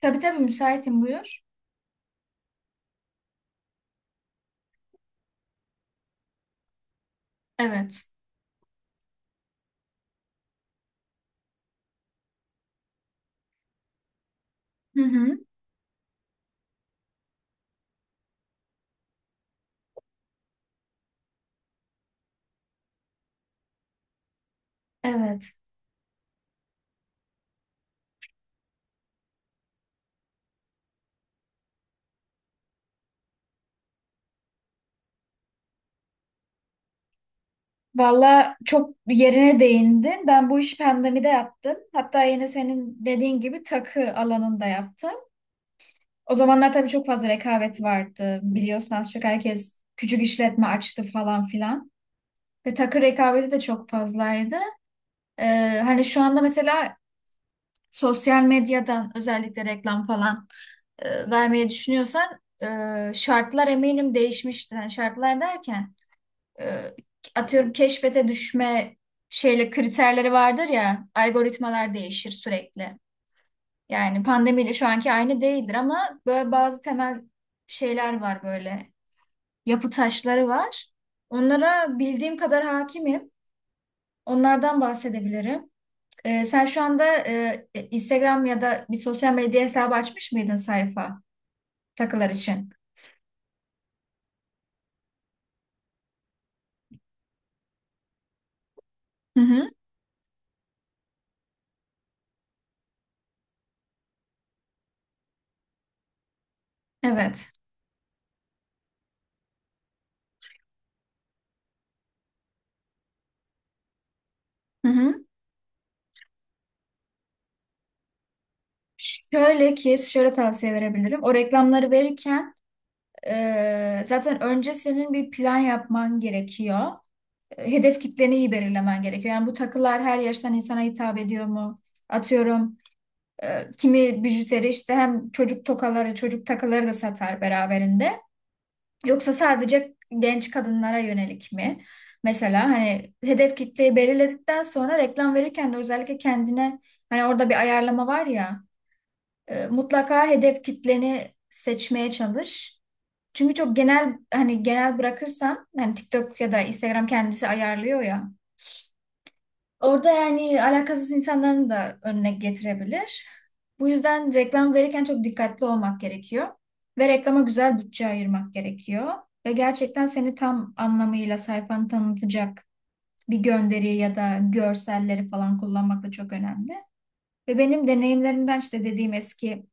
Tabii tabii müsaitim, buyur. Evet. Hı hı. Evet. Valla çok yerine değindin. Ben bu işi pandemide yaptım. Hatta yine senin dediğin gibi takı alanında yaptım. O zamanlar tabii çok fazla rekabet vardı. Biliyorsun az çok herkes küçük işletme açtı, falan filan. Ve takı rekabeti de çok fazlaydı. Hani şu anda mesela sosyal medyadan özellikle reklam falan vermeyi düşünüyorsan şartlar eminim değişmiştir. Yani şartlar derken e, atıyorum keşfete düşme şeyle kriterleri vardır ya, algoritmalar değişir sürekli. Yani pandemiyle şu anki aynı değildir ama böyle bazı temel şeyler var, böyle yapı taşları var. Onlara bildiğim kadar hakimim. Onlardan bahsedebilirim. Sen şu anda Instagram ya da bir sosyal medya hesabı açmış mıydın, sayfa takılar için? Hı hı. Evet. Hı hı. Şöyle ki şöyle tavsiye verebilirim. O reklamları verirken zaten önce senin bir plan yapman gerekiyor. Hedef kitleni iyi belirlemen gerekiyor. Yani bu takılar her yaştan insana hitap ediyor mu? Atıyorum kimi bijuteri işte hem çocuk tokaları, çocuk takıları da satar beraberinde. Yoksa sadece genç kadınlara yönelik mi? Mesela hani hedef kitleyi belirledikten sonra reklam verirken de özellikle kendine, hani orada bir ayarlama var ya, mutlaka hedef kitleni seçmeye çalış. Çünkü çok genel, hani genel bırakırsan hani TikTok ya da Instagram kendisi ayarlıyor ya. Orada yani alakasız insanların da önüne getirebilir. Bu yüzden reklam verirken çok dikkatli olmak gerekiyor. Ve reklama güzel bütçe ayırmak gerekiyor. Ve gerçekten seni tam anlamıyla sayfanı tanıtacak bir gönderi ya da görselleri falan kullanmak da çok önemli. Ve benim deneyimlerimden, işte dediğim eski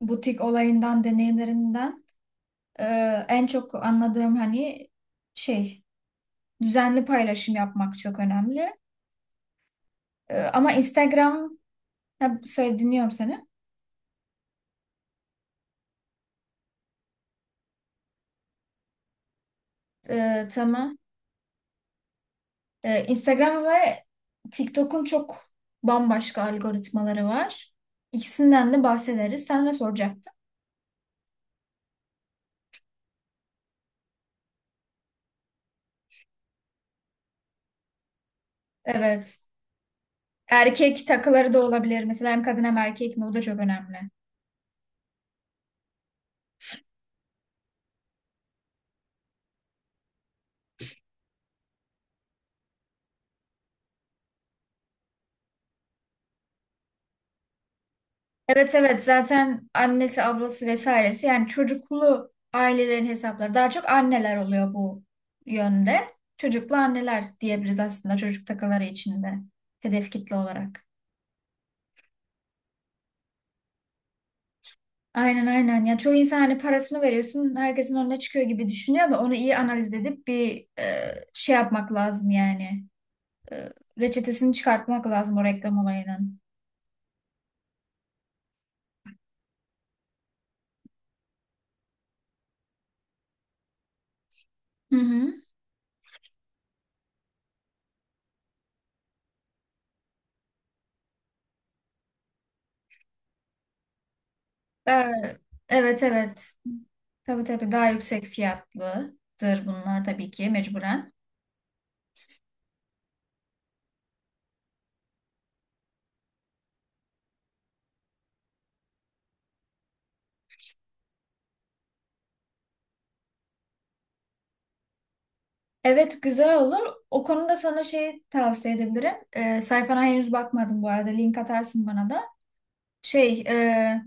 butik olayından deneyimlerimden, e, en çok anladığım hani şey, düzenli paylaşım yapmak çok önemli. Ama Instagram, ha, söyle, dinliyorum seni. Tamam. Instagram ve TikTok'un çok bambaşka algoritmaları var. İkisinden de bahsederiz. Sen ne soracaktın? Evet. Erkek takıları da olabilir. Mesela hem kadın hem erkek mi? O da çok önemli. Evet, evet, zaten annesi, ablası, vesairesi, yani çocuklu ailelerin hesapları daha çok anneler oluyor bu yönde. Çocuklu anneler diyebiliriz aslında, çocuk takaları içinde hedef kitle olarak. Aynen, aynen, ya çoğu insan hani parasını veriyorsun herkesin önüne çıkıyor gibi düşünüyor da, onu iyi analiz edip bir şey yapmak lazım yani. E, reçetesini çıkartmak lazım o reklam olayının. Hı hı. Ee, evet, evet. Tabii, tabii, daha yüksek fiyatlıdır bunlar tabii ki mecburen. Evet, güzel olur. O konuda sana şey tavsiye edebilirim. Sayfana henüz bakmadım bu arada. Link atarsın bana da. Şey,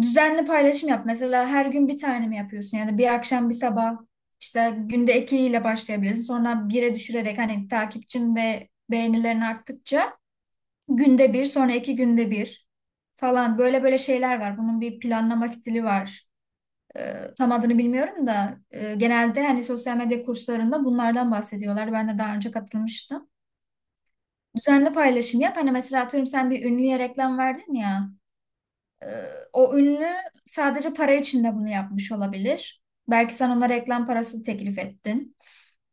düzenli paylaşım yap. Mesela her gün bir tane mi yapıyorsun? Yani bir akşam bir sabah, işte günde iki ile başlayabilirsin. Sonra bire düşürerek, hani takipçin ve beğenilerin arttıkça günde bir, sonra iki günde bir falan, böyle böyle şeyler var. Bunun bir planlama stili var. Tam adını bilmiyorum da genelde hani sosyal medya kurslarında bunlardan bahsediyorlar. Ben de daha önce katılmıştım. Düzenli paylaşım yap. Hani mesela atıyorum sen bir ünlüye reklam verdin ya. e, o ünlü sadece para için de bunu yapmış olabilir. Belki sen ona reklam parası teklif ettin.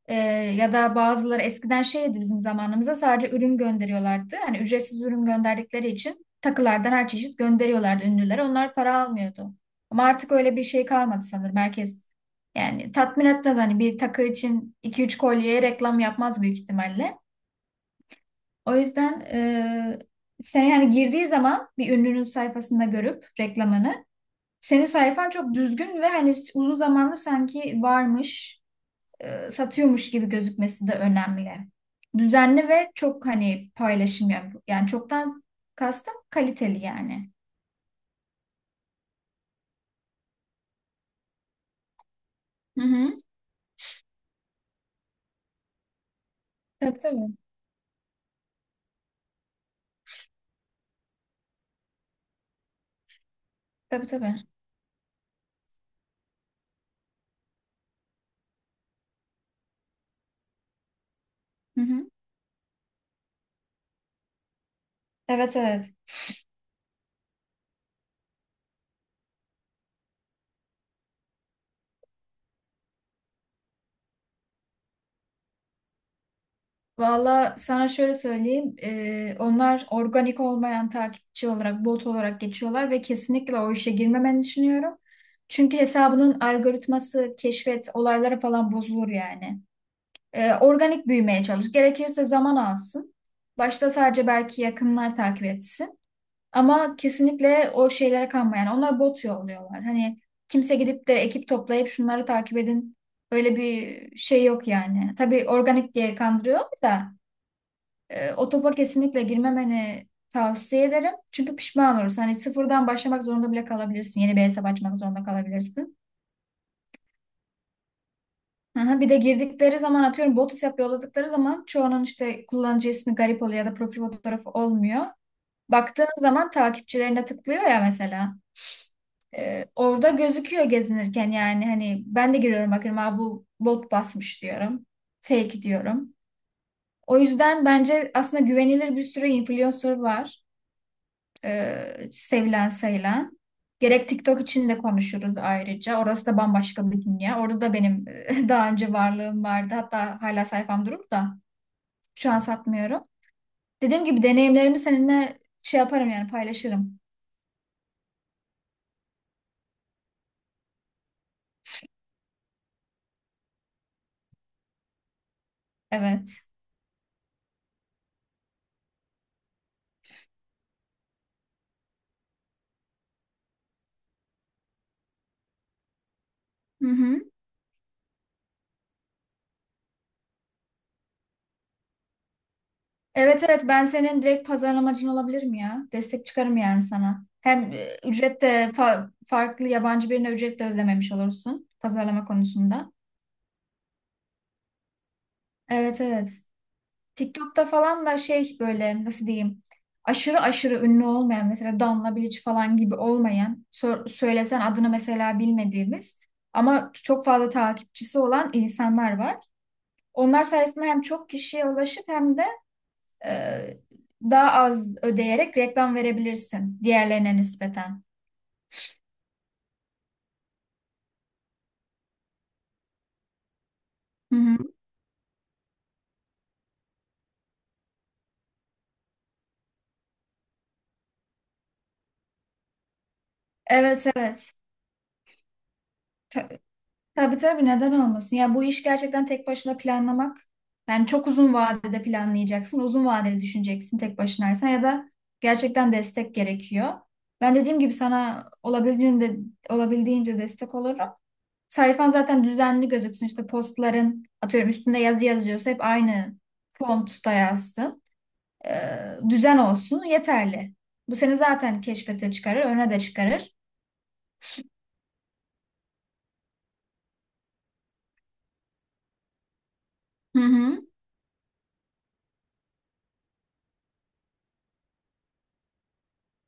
Ee, ya da bazıları eskiden şeydi, bizim zamanımızda sadece ürün gönderiyorlardı. Hani ücretsiz ürün gönderdikleri için takılardan her çeşit gönderiyorlardı ünlülere. Onlar para almıyordu. Ama artık öyle bir şey kalmadı sanırım. Herkes yani tatmin etmez. Hani bir takı için iki üç kolyeye reklam yapmaz büyük ihtimalle. O yüzden sen yani girdiği zaman bir ünlünün sayfasında görüp reklamını, senin sayfan çok düzgün ve hani uzun zamandır sanki varmış, satıyormuş gibi gözükmesi de önemli. Düzenli ve çok hani paylaşım yap. Yani çoktan kastım kaliteli yani. Hı hı. Tabii, tabii. Tabii, tabii. Hı hı. Evet, evet. Valla sana şöyle söyleyeyim. Onlar organik olmayan takipçi olarak, bot olarak geçiyorlar ve kesinlikle o işe girmemeni düşünüyorum. Çünkü hesabının algoritması, keşfet, olaylara falan bozulur yani. Organik büyümeye çalış. Gerekirse zaman alsın. Başta sadece belki yakınlar takip etsin. Ama kesinlikle o şeylere kanma. Yani onlar bot yolluyorlar. Hani kimse gidip de ekip toplayıp şunları takip edin. Öyle bir şey yok yani. Tabii organik diye kandırıyor da, o topa kesinlikle girmemeni tavsiye ederim. Çünkü pişman olursun. Hani sıfırdan başlamak zorunda bile kalabilirsin. Yeni bir hesap açmak zorunda kalabilirsin. Aha, bir de girdikleri zaman atıyorum bot hesap yolladıkları zaman çoğunun işte kullanıcı ismi garip oluyor ya da profil fotoğrafı olmuyor. Baktığın zaman takipçilerine tıklıyor ya mesela. Orada gözüküyor gezinirken yani, hani ben de giriyorum bakıyorum, aa, bu bot basmış diyorum. Fake diyorum. O yüzden bence aslında güvenilir bir sürü influencer var, sevilen sayılan. Gerek TikTok için de konuşuruz ayrıca. Orası da bambaşka bir dünya. Orada da benim daha önce varlığım vardı. Hatta hala sayfam durur da şu an satmıyorum. Dediğim gibi deneyimlerimi seninle şey yaparım yani, paylaşırım. Evet. Hı hı. Evet, evet, ben senin direkt pazarlamacın olabilirim ya. Destek çıkarım yani sana. Hem ücret de farklı yabancı birine ücret de ödememiş olursun pazarlama konusunda. Evet, evet. TikTok'ta falan da şey, böyle nasıl diyeyim, aşırı aşırı ünlü olmayan, mesela Danla Bilic falan gibi olmayan, söylesen adını mesela bilmediğimiz ama çok fazla takipçisi olan insanlar var. Onlar sayesinde hem çok kişiye ulaşıp hem de e, daha az ödeyerek reklam verebilirsin diğerlerine nispeten. Hı hı. Evet, evet. Tabii, tabii, neden olmasın? Ya bu iş gerçekten tek başına planlamak. Yani çok uzun vadede planlayacaksın, uzun vadeli düşüneceksin tek başınaysan ya da gerçekten destek gerekiyor. Ben dediğim gibi sana olabildiğince, olabildiğince destek olurum. Sayfan zaten düzenli gözüksün. İşte postların atıyorum üstünde yazı yazıyorsa hep aynı fontta yazsın. Ee, düzen olsun yeterli. Bu seni zaten keşfete çıkarır, öne de çıkarır. Hı hı.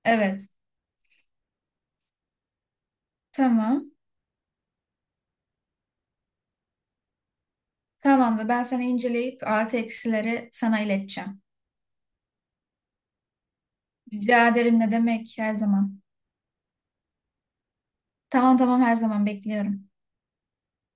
Evet. Tamam. Tamamdır. Ben sana inceleyip artı eksileri sana ileteceğim. Rica ederim, ne demek, her zaman. Tamam, tamam, her zaman bekliyorum.